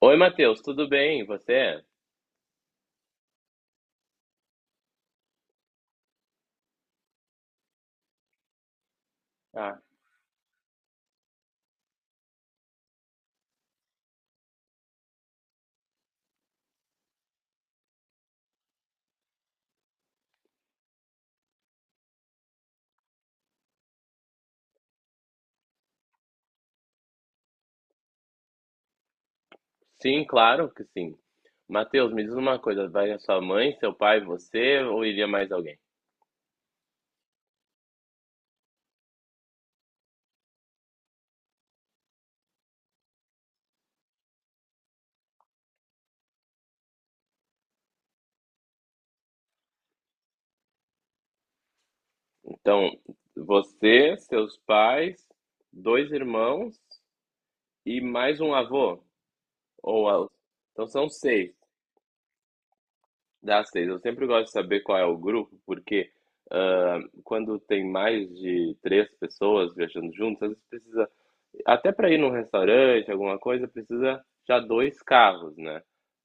Oi, Matheus, tudo bem? E você? Ah, sim, claro que sim. Matheus, me diz uma coisa, vai a sua mãe, seu pai, você ou iria mais alguém? Então, você, seus pais, dois irmãos e mais um avô? Ou a- então são seis, dá seis. Eu sempre gosto de saber qual é o grupo, porque ah, quando tem mais de três pessoas viajando juntas, às vezes precisa, até para ir num restaurante, alguma coisa, precisa já dois carros, né?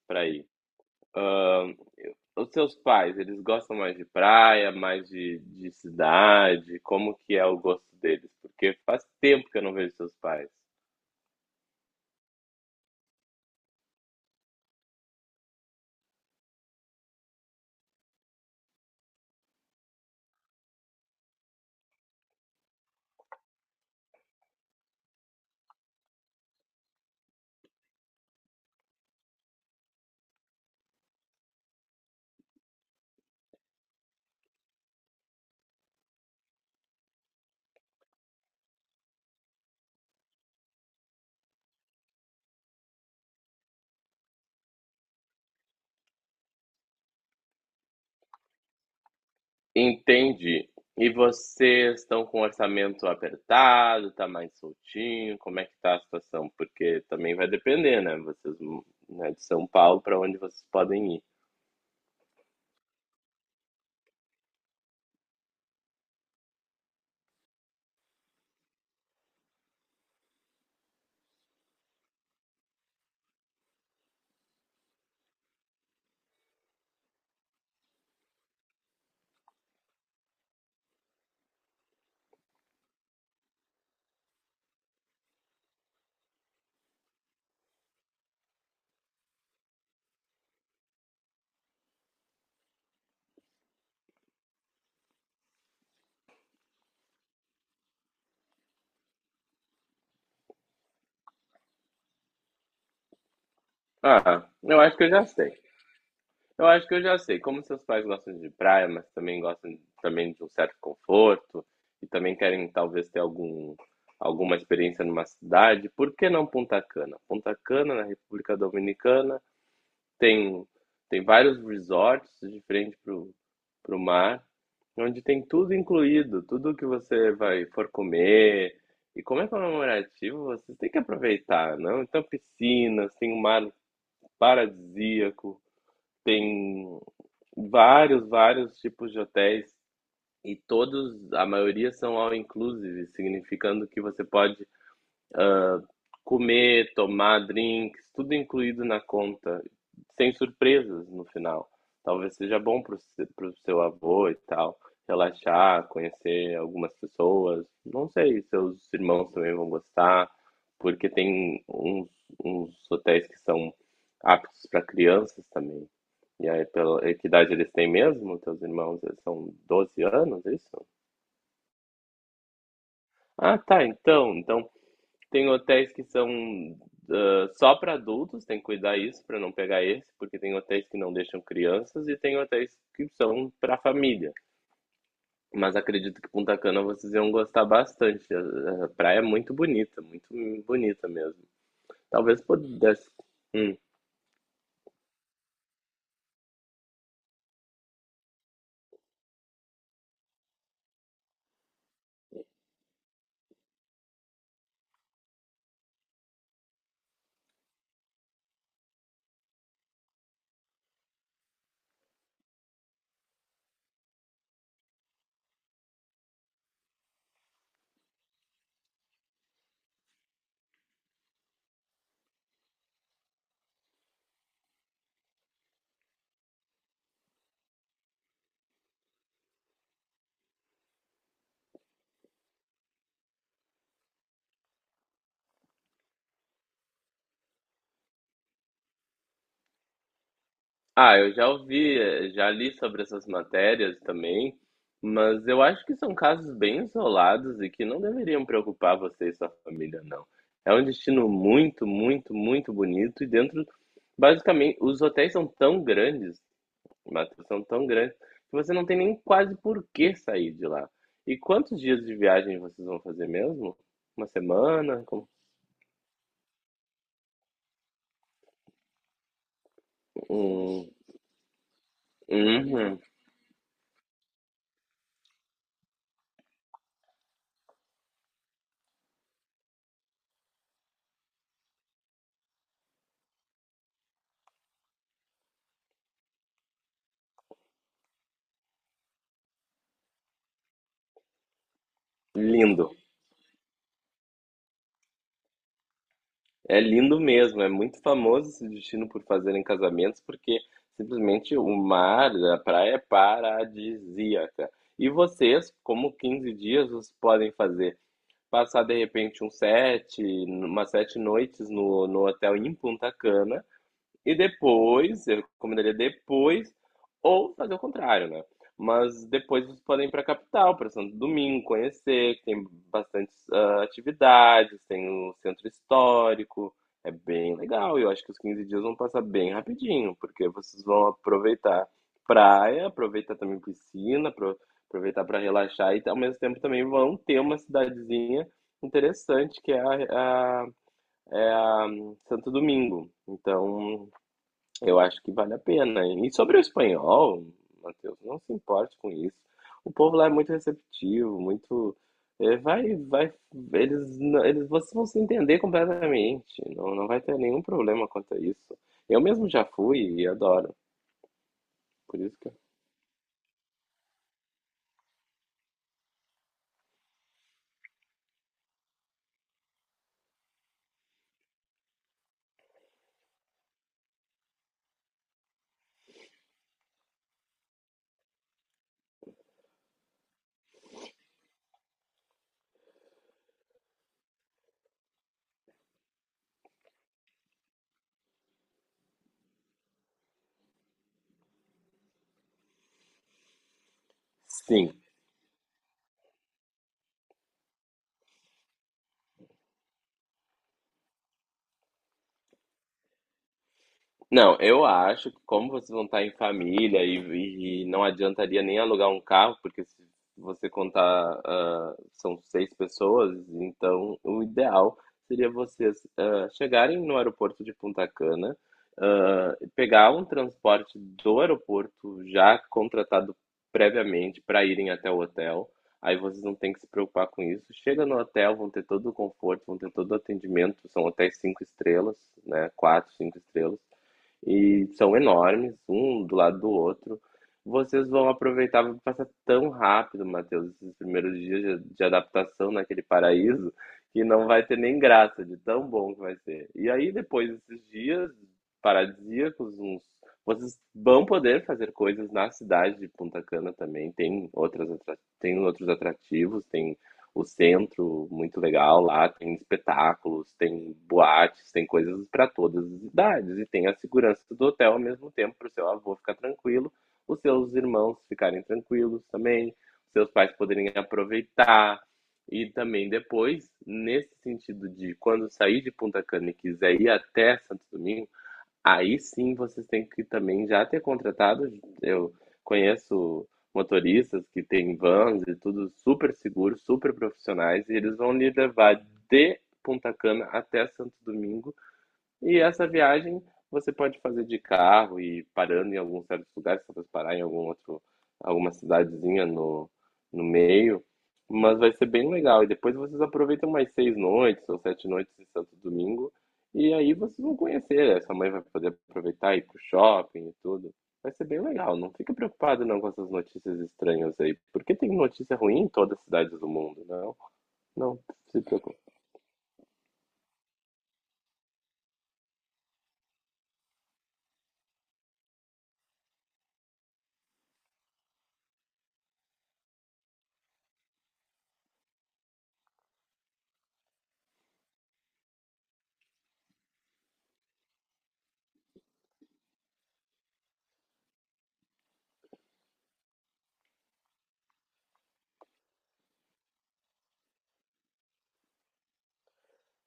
Para ir. Hã, os seus pais, eles gostam mais de praia, mais de cidade? Como que é o gosto deles? Porque faz tempo que eu não vejo seus pais. Entendi. E vocês estão com orçamento apertado, tá mais soltinho? Como é que tá a situação? Porque também vai depender, né, vocês, né, de São Paulo para onde vocês podem ir. Ah, eu acho que eu já sei. Eu acho que eu já sei. Como seus pais gostam de praia, mas também gostam também de um certo conforto e também querem talvez ter algum, alguma experiência numa cidade, por que não Punta Cana? Punta Cana, na República Dominicana, tem, tem vários resorts de frente para o mar, onde tem tudo incluído, tudo que você vai for comer. E como é comemorativo, você tem que aproveitar, não? Então, piscinas, tem um mar paradisíaco, tem vários, vários tipos de hotéis e todos, a maioria são all inclusive, significando que você pode comer, tomar drinks, tudo incluído na conta, sem surpresas no final. Talvez seja bom para o seu avô e tal, relaxar, conhecer algumas pessoas. Não sei, seus irmãos também vão gostar, porque tem uns, uns hotéis que são aptos para crianças também. E aí, pela e que idade eles têm mesmo, teus irmãos? Eles são 12 anos, é isso? Ah, tá, então. Então tem hotéis que são só para adultos, tem que cuidar isso para não pegar esse, porque tem hotéis que não deixam crianças e tem hotéis que são para família. Mas acredito que Punta Cana vocês iam gostar bastante. A praia é muito bonita mesmo. Talvez pudesse. Hum. Ah, eu já ouvi, já li sobre essas matérias também, mas eu acho que são casos bem isolados e que não deveriam preocupar você e sua família, não. É um destino muito, muito, muito bonito e dentro, basicamente, os hotéis são tão grandes, Matheus, são tão grandes, que você não tem nem quase por que sair de lá. E quantos dias de viagem vocês vão fazer mesmo? Uma semana? Como- Um... Uhum. Lindo. É lindo mesmo, é muito famoso esse destino por fazerem casamentos, porque simplesmente o mar, a praia é paradisíaca. E vocês, como 15 dias, vocês podem fazer? Passar de repente um sete, umas 7 noites no hotel em Punta Cana, e depois, eu recomendaria depois, ou fazer o contrário, né? Mas depois vocês podem ir para a capital, para Santo Domingo, conhecer, que tem bastante atividades, tem o centro histórico, é bem legal. E eu acho que os 15 dias vão passar bem rapidinho, porque vocês vão aproveitar praia, aproveitar também piscina, apro- aproveitar para relaxar e ao mesmo tempo também vão ter uma cidadezinha interessante que é a- é a Santo Domingo. Então, eu acho que vale a pena. E sobre o espanhol, Matheus, não se importe com isso. O povo lá é muito receptivo, muito. É, vai, vai. Eles, não- eles, vocês vão se entender completamente. Não, não vai ter nenhum problema quanto a isso. Eu mesmo já fui e adoro. Por isso que. Sim, não, eu acho que como vocês vão estar em família e não adiantaria nem alugar um carro, porque se você contar, são seis pessoas, então o ideal seria vocês chegarem no aeroporto de Punta Cana, pegar um transporte do aeroporto já contratado previamente para irem até o hotel. Aí vocês não têm que se preocupar com isso. Chega no hotel, vão ter todo o conforto, vão ter todo o atendimento. São hotéis cinco estrelas, né? Quatro, cinco estrelas e são enormes, um do lado do outro. Vocês vão aproveitar, vai passar tão rápido, Matheus, esses primeiros dias de adaptação naquele paraíso, que não vai ter nem graça de tão bom que vai ser. E aí, depois desses dias paradisíacos, uns, vocês vão poder fazer coisas na cidade de Punta Cana também. Tem outras, atra- tem outros atrativos, tem o centro muito legal lá, tem espetáculos, tem boates, tem coisas para todas as idades e tem a segurança do hotel ao mesmo tempo para o seu avô ficar tranquilo, os seus irmãos ficarem tranquilos também, seus pais poderem aproveitar e também depois nesse sentido de quando sair de Punta Cana e quiser ir até Santo Domingo. Aí sim vocês têm que também já ter contratado. Eu conheço motoristas que têm vans e tudo super seguros, super profissionais, e eles vão lhe levar de Punta Cana até Santo Domingo e essa viagem você pode fazer de carro e parando em alguns certos lugares, talvez parar em algum outro, alguma cidadezinha no, no meio, mas vai ser bem legal. E depois vocês aproveitam mais 6 noites ou 7 noites de Santo Domingo, e aí vocês vão conhecer. A sua mãe vai poder aproveitar e ir pro shopping e tudo. Vai ser bem legal. Não fica preocupado não com essas notícias estranhas aí, porque tem notícia ruim em todas as cidades do mundo, não? Não se preocupe.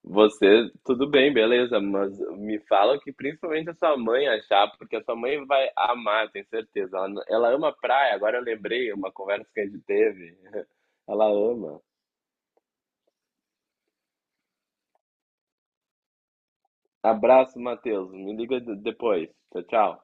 Você, tudo bem, beleza, mas me fala o que principalmente a sua mãe achar, porque a sua mãe vai amar, tenho certeza. Ela, n- ela ama praia, agora eu lembrei uma conversa que a gente teve. Ela ama. Abraço, Matheus. Me liga de- depois. Tchau, tchau.